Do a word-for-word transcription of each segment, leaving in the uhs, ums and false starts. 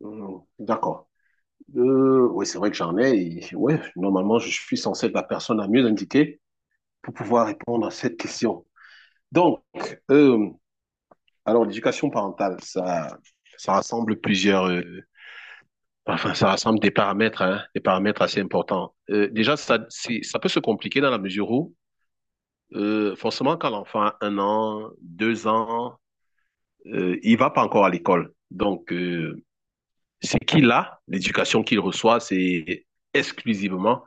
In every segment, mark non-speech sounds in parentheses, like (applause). Mhm. D'accord. Euh, oui, c'est vrai que j'en ai. et ouais, normalement, je suis censé être la personne la mieux indiquée pour pouvoir répondre à cette question. Donc, euh, alors l'éducation parentale, ça, ça rassemble plusieurs, euh, enfin, ça rassemble des paramètres, hein, des paramètres assez importants. Euh, déjà, ça, c'est- ça peut se compliquer dans la mesure où, euh, forcément, quand l'enfant a un an, deux ans, euh, il va pas encore à l'école. Donc, euh, c'est qu'il a, l'éducation qu'il reçoit, c'est exclusivement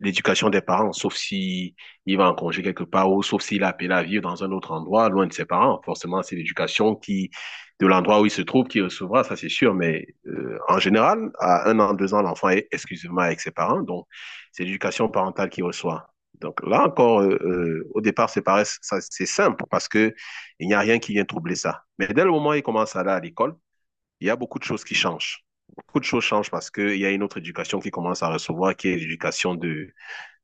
l'éducation des parents, sauf si il va en congé quelque part ou sauf s'il a appelé à vivre dans un autre endroit, loin de ses parents. Forcément, c'est l'éducation qui, de l'endroit où il se trouve, qui recevra, ça c'est sûr. Mais euh, en général, à un an, deux ans, l'enfant est exclusivement avec ses parents, donc c'est l'éducation parentale qu'il reçoit. Donc là encore, euh, euh, au départ, c'est pareil, ça, c'est simple parce que il n'y a rien qui vient troubler ça. Mais dès le moment où il commence à aller à l'école, il y a beaucoup de choses qui changent. Beaucoup de choses changent parce qu'il y a une autre éducation qui commence à recevoir, qui est l'éducation de,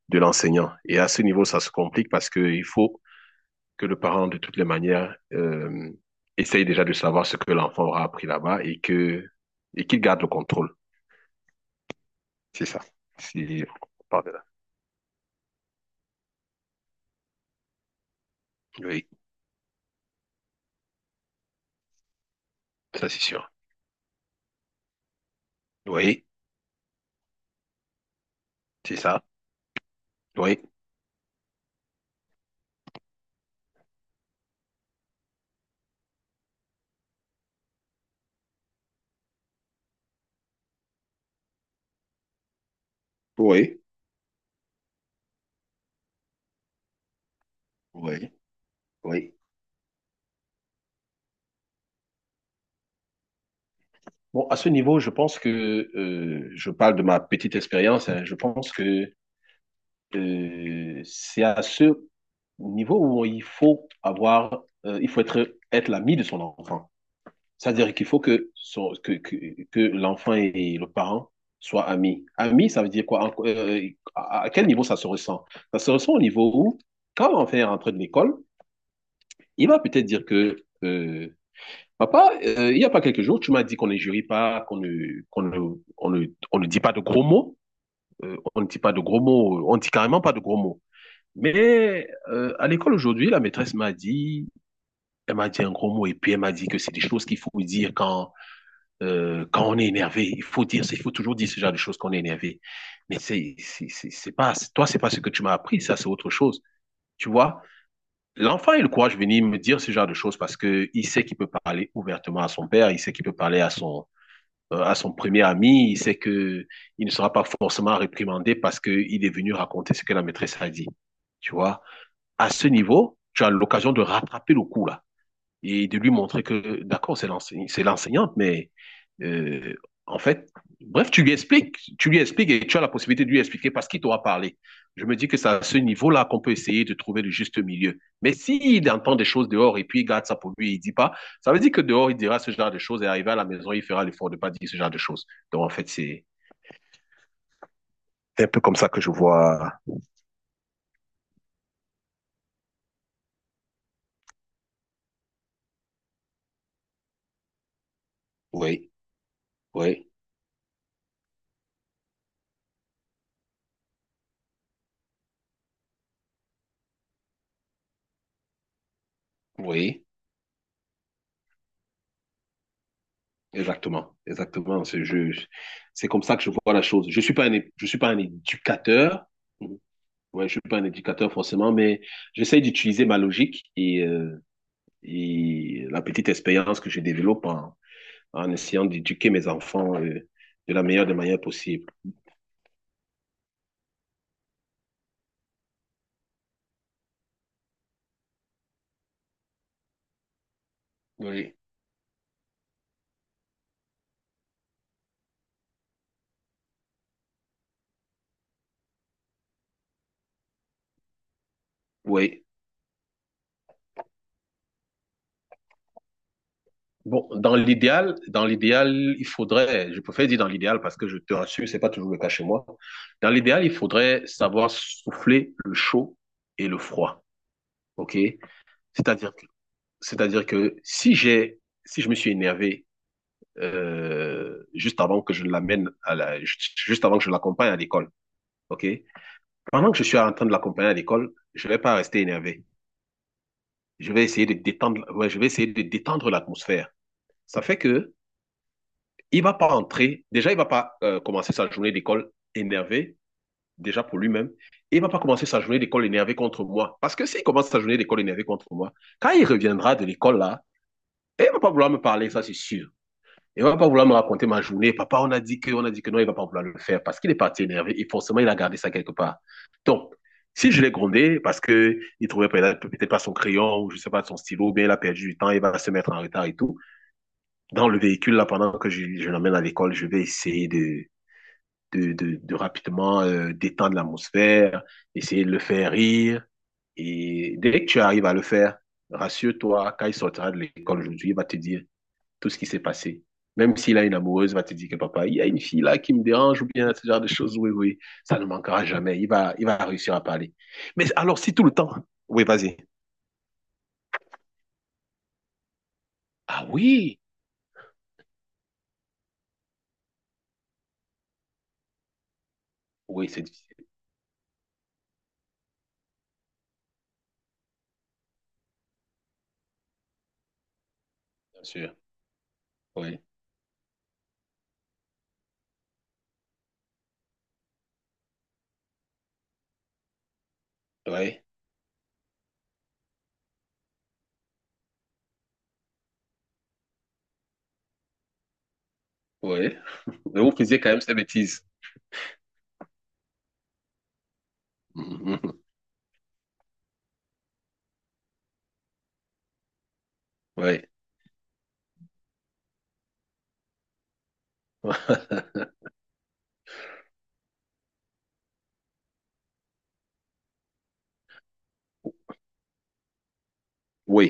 de l'enseignant. Et à ce niveau, ça se complique parce qu'il faut que le parent, de toutes les manières, euh, essaye déjà de savoir ce que l'enfant aura appris là-bas et que et qu'il garde le contrôle. C'est ça. Si on parle de là. Oui, ça c'est sûr. Oui, c'est ça. Oui. Oui, oui, oui. Bon, à ce niveau, je pense que euh, je parle de ma petite expérience. Hein, je pense que Euh, c'est à ce niveau où il faut avoir, euh, il faut être, être l'ami de son enfant. C'est-à-dire qu'il faut que, son- que, que, que l'enfant et le parent soient amis. Amis, ça veut dire quoi? En- euh, à à quel niveau ça se ressent? Ça se ressent au niveau où, quand l'enfant est rentré de l'école, il va peut-être dire que, euh, papa, euh, il n'y a pas quelques jours, tu m'as dit qu'on ne jurie pas, qu'on ne, qu'on ne, on ne, on ne dit pas de gros mots. Euh, on ne dit pas de gros mots, on ne dit carrément pas de gros mots. Mais euh, à l'école aujourd'hui, la maîtresse m'a dit, elle m'a dit un gros mot et puis elle m'a dit que c'est des choses qu'il faut dire quand, euh, quand on est énervé. Il faut dire, il faut toujours dire ce genre de choses quand on est énervé. Mais c'est, c'est, c'est c'est pas, toi, c'est pas ce que tu m'as appris, ça, c'est autre chose. Tu vois, l'enfant a le courage de venir me dire ce genre de choses parce que il sait qu'il peut parler ouvertement à son père, il sait qu'il peut parler à son, euh, à son premier ami, il sait que il ne sera pas forcément réprimandé parce que il est venu raconter ce que la maîtresse a dit. Tu vois? À ce niveau, tu as l'occasion de rattraper le coup là et de lui montrer que d'accord, c'est l'enseignante, mais euh, en fait, bref, tu lui expliques, tu lui expliques et tu as la possibilité de lui expliquer parce qu'il t'aura parlé. Je me dis que c'est à ce niveau-là qu'on peut essayer de trouver le juste milieu. Mais s'il entend des choses dehors et puis il garde ça pour lui et il dit pas, ça veut dire que dehors il dira ce genre de choses et arrivé à la maison il fera l'effort de pas dire ce genre de choses. Donc en fait, c'est un peu comme ça que je vois. Oui, oui, oui. Exactement, exactement. C'est je, c'est comme ça que je vois la chose. Je suis pas un, é- je suis pas un éducateur. Ouais, je suis pas un éducateur forcément, mais j'essaye d'utiliser ma logique et, euh, et la petite expérience que je développe en, en essayant d'éduquer mes enfants euh, de la meilleure des manières possibles. Oui. Oui. Bon, dans l'idéal, dans l'idéal, il faudrait, je préfère dire dans l'idéal parce que je te rassure, c'est pas toujours le cas chez moi. Dans l'idéal, il faudrait savoir souffler le chaud et le froid. OK? C'est-à-dire que, c'est-à-dire que si j'ai, si je me suis énervé, euh, juste avant que je l'amène à la, juste avant que je l'accompagne à l'école. OK? Pendant que je suis en train de l'accompagner à l'école, je vais pas rester énervé. Je vais essayer de détendre, ouais, je vais essayer de détendre l'atmosphère. Ça fait que, il ne va pas entrer. Déjà, il ne va pas euh, commencer sa journée d'école énervé, déjà pour lui-même. Et il ne va pas commencer sa journée d'école énervé contre moi. Parce que s'il commence sa journée d'école énervé contre moi, quand il reviendra de l'école là, il ne va pas vouloir me parler, ça c'est sûr. Il ne va pas vouloir me raconter ma journée. Papa, on a dit que, on a dit que non, il ne va pas vouloir le faire parce qu'il est parti énervé et forcément il a gardé ça quelque part. Donc, si je l'ai grondé parce que il trouvait peut-être pas son crayon ou je ne sais pas son stylo, bien il a perdu du temps, il va se mettre en retard et tout. Dans le véhicule là, pendant que je, je l'emmène à l'école, je vais essayer de de, de, de rapidement euh, détendre l'atmosphère, essayer de le faire rire. Et dès que tu arrives à le faire, rassure-toi, quand il sortira de l'école aujourd'hui, il va te dire tout ce qui s'est passé. Même s'il a une amoureuse, il va te dire que papa, il y a une fille là qui me dérange ou bien ce genre de choses. Oui, oui, ça ne manquera jamais. Il va, il va réussir à parler. Mais alors, si tout le temps, oui, vas-y. Ah oui, oui, c'est difficile, bien sûr. Oui, oui, oui. (laughs) Mais vous faisiez quand même ces bêtises. (laughs) Oui. (laughs) Oui.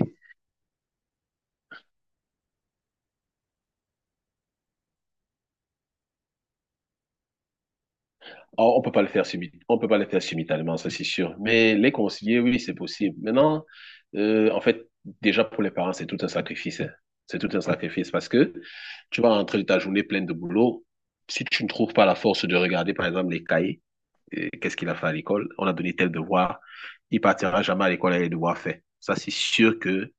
Oh, on peut pas le faire subit- on peut pas le faire simultanément, ça c'est sûr. Mais les concilier, oui, c'est possible. Maintenant, euh, en fait, déjà pour les parents, c'est tout un sacrifice. Hein. C'est tout un sacrifice parce que tu vas rentrer de ta journée pleine de boulot. Si tu ne trouves pas la force de regarder, par exemple, les cahiers, euh, qu'est-ce qu'il a fait à l'école? On a donné tel devoir. Il partira jamais à l'école avec les devoirs faits. Ça, c'est sûr que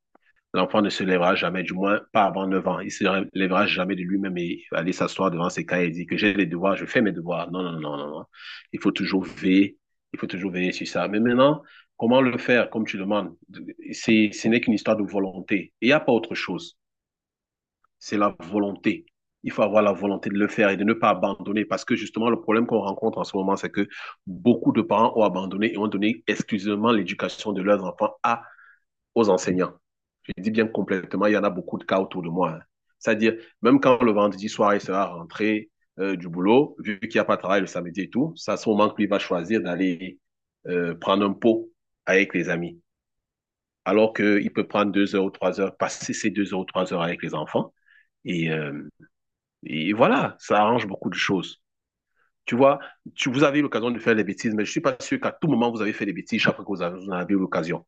l'enfant ne se lèvera jamais, du moins pas avant neuf ans. Il ne se lèvera jamais de lui-même et aller s'asseoir devant ses cahiers et dire que j'ai les devoirs, je fais mes devoirs. Non, non, non, non, non. Il faut toujours veiller. Il faut toujours veiller sur ça. Mais maintenant, comment le faire, comme tu demandes? C'est, ce n'est qu'une histoire de volonté. Il n'y a pas autre chose. C'est la volonté. Il faut avoir la volonté de le faire et de ne pas abandonner parce que justement, le problème qu'on rencontre en ce moment, c'est que beaucoup de parents ont abandonné et ont donné exclusivement l'éducation de leurs enfants à, aux enseignants. Je dis bien complètement, il y en a beaucoup de cas autour de moi. Hein. C'est-à-dire, même quand le vendredi soir, il sera rentré euh, du boulot, vu qu'il n'y a pas de travail le samedi et tout, c'est ça, son manque, lui, va choisir d'aller euh, prendre un pot avec les amis. Alors qu'il peut prendre deux heures ou trois heures, passer ces deux heures ou trois heures avec les enfants. Et, euh, et voilà, ça arrange beaucoup de choses. Tu vois, tu, vous avez eu l'occasion de faire des bêtises, mais je ne suis pas sûr qu'à tout moment, vous avez fait des bêtises chaque fois que vous avez- vous en avez eu l'occasion.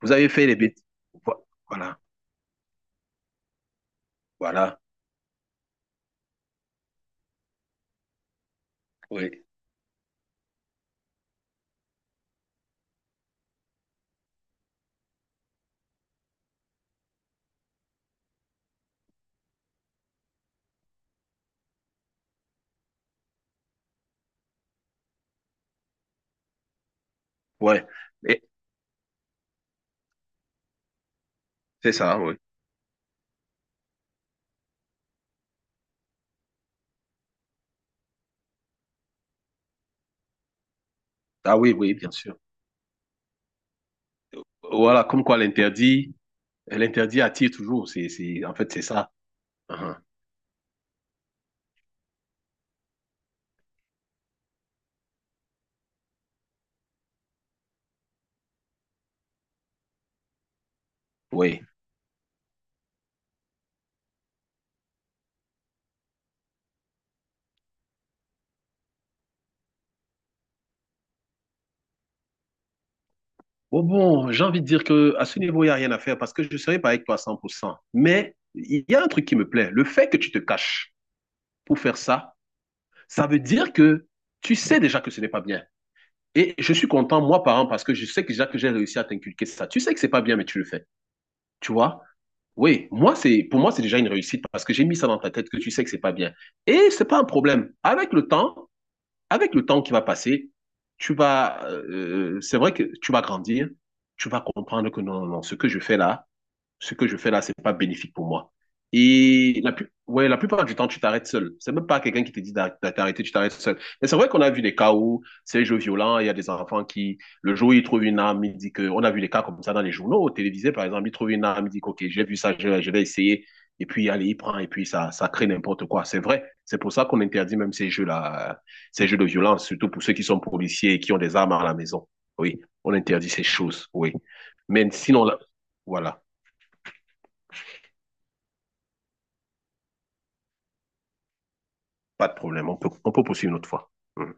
Vous avez fait des bêtises. Voilà, voilà, oui, ouais. Et c'est ça, oui. Ah oui, oui, bien sûr. Voilà, comme quoi l'interdit, l'interdit attire toujours. C'est, c'est, en fait, c'est ça. Uhum. Oui. Bon, bon, j'ai envie de dire que à ce niveau, il n'y a rien à faire parce que je ne serai pas avec toi à cent pour cent. Mais il y a un truc qui me plaît. Le fait que tu te caches pour faire ça, ça veut dire que tu sais déjà que ce n'est pas bien. Et je suis content, moi, parent, parce que je sais que déjà que j'ai réussi à t'inculquer ça. Tu sais que c'est pas bien, mais tu le fais. Tu vois? Oui, moi c'est pour moi c'est déjà une réussite parce que j'ai mis ça dans ta tête que tu sais que c'est pas bien. Et c'est pas un problème. Avec le temps, avec le temps qui va passer, tu vas euh, euh, c'est vrai que tu vas grandir, tu vas comprendre que non non non, ce que je fais là, ce que je fais là, c'est pas bénéfique pour moi. Et la, plus, ouais, la plupart du temps, tu t'arrêtes seul. C'est même pas quelqu'un qui te dit d'arr- d'arrêter, tu t'arrêtes seul. Mais c'est vrai qu'on a vu des cas où c'est jeux violents, il y a des enfants qui, le jour où ils trouvent une arme, ils disent que, on a vu des cas comme ça dans les journaux, télévisés par exemple, ils trouvent une arme, ils disent, OK, j'ai vu ça, je, je vais essayer. Et puis, allez, il prend, et puis ça, ça crée n'importe quoi. C'est vrai. C'est pour ça qu'on interdit même ces jeux-là, euh, ces jeux de violence, surtout pour ceux qui sont policiers et qui ont des armes à la maison. Oui, on interdit ces choses, oui. Mais sinon, là, voilà. Pas de problème, on peut, on peut poursuivre une autre fois. Mm.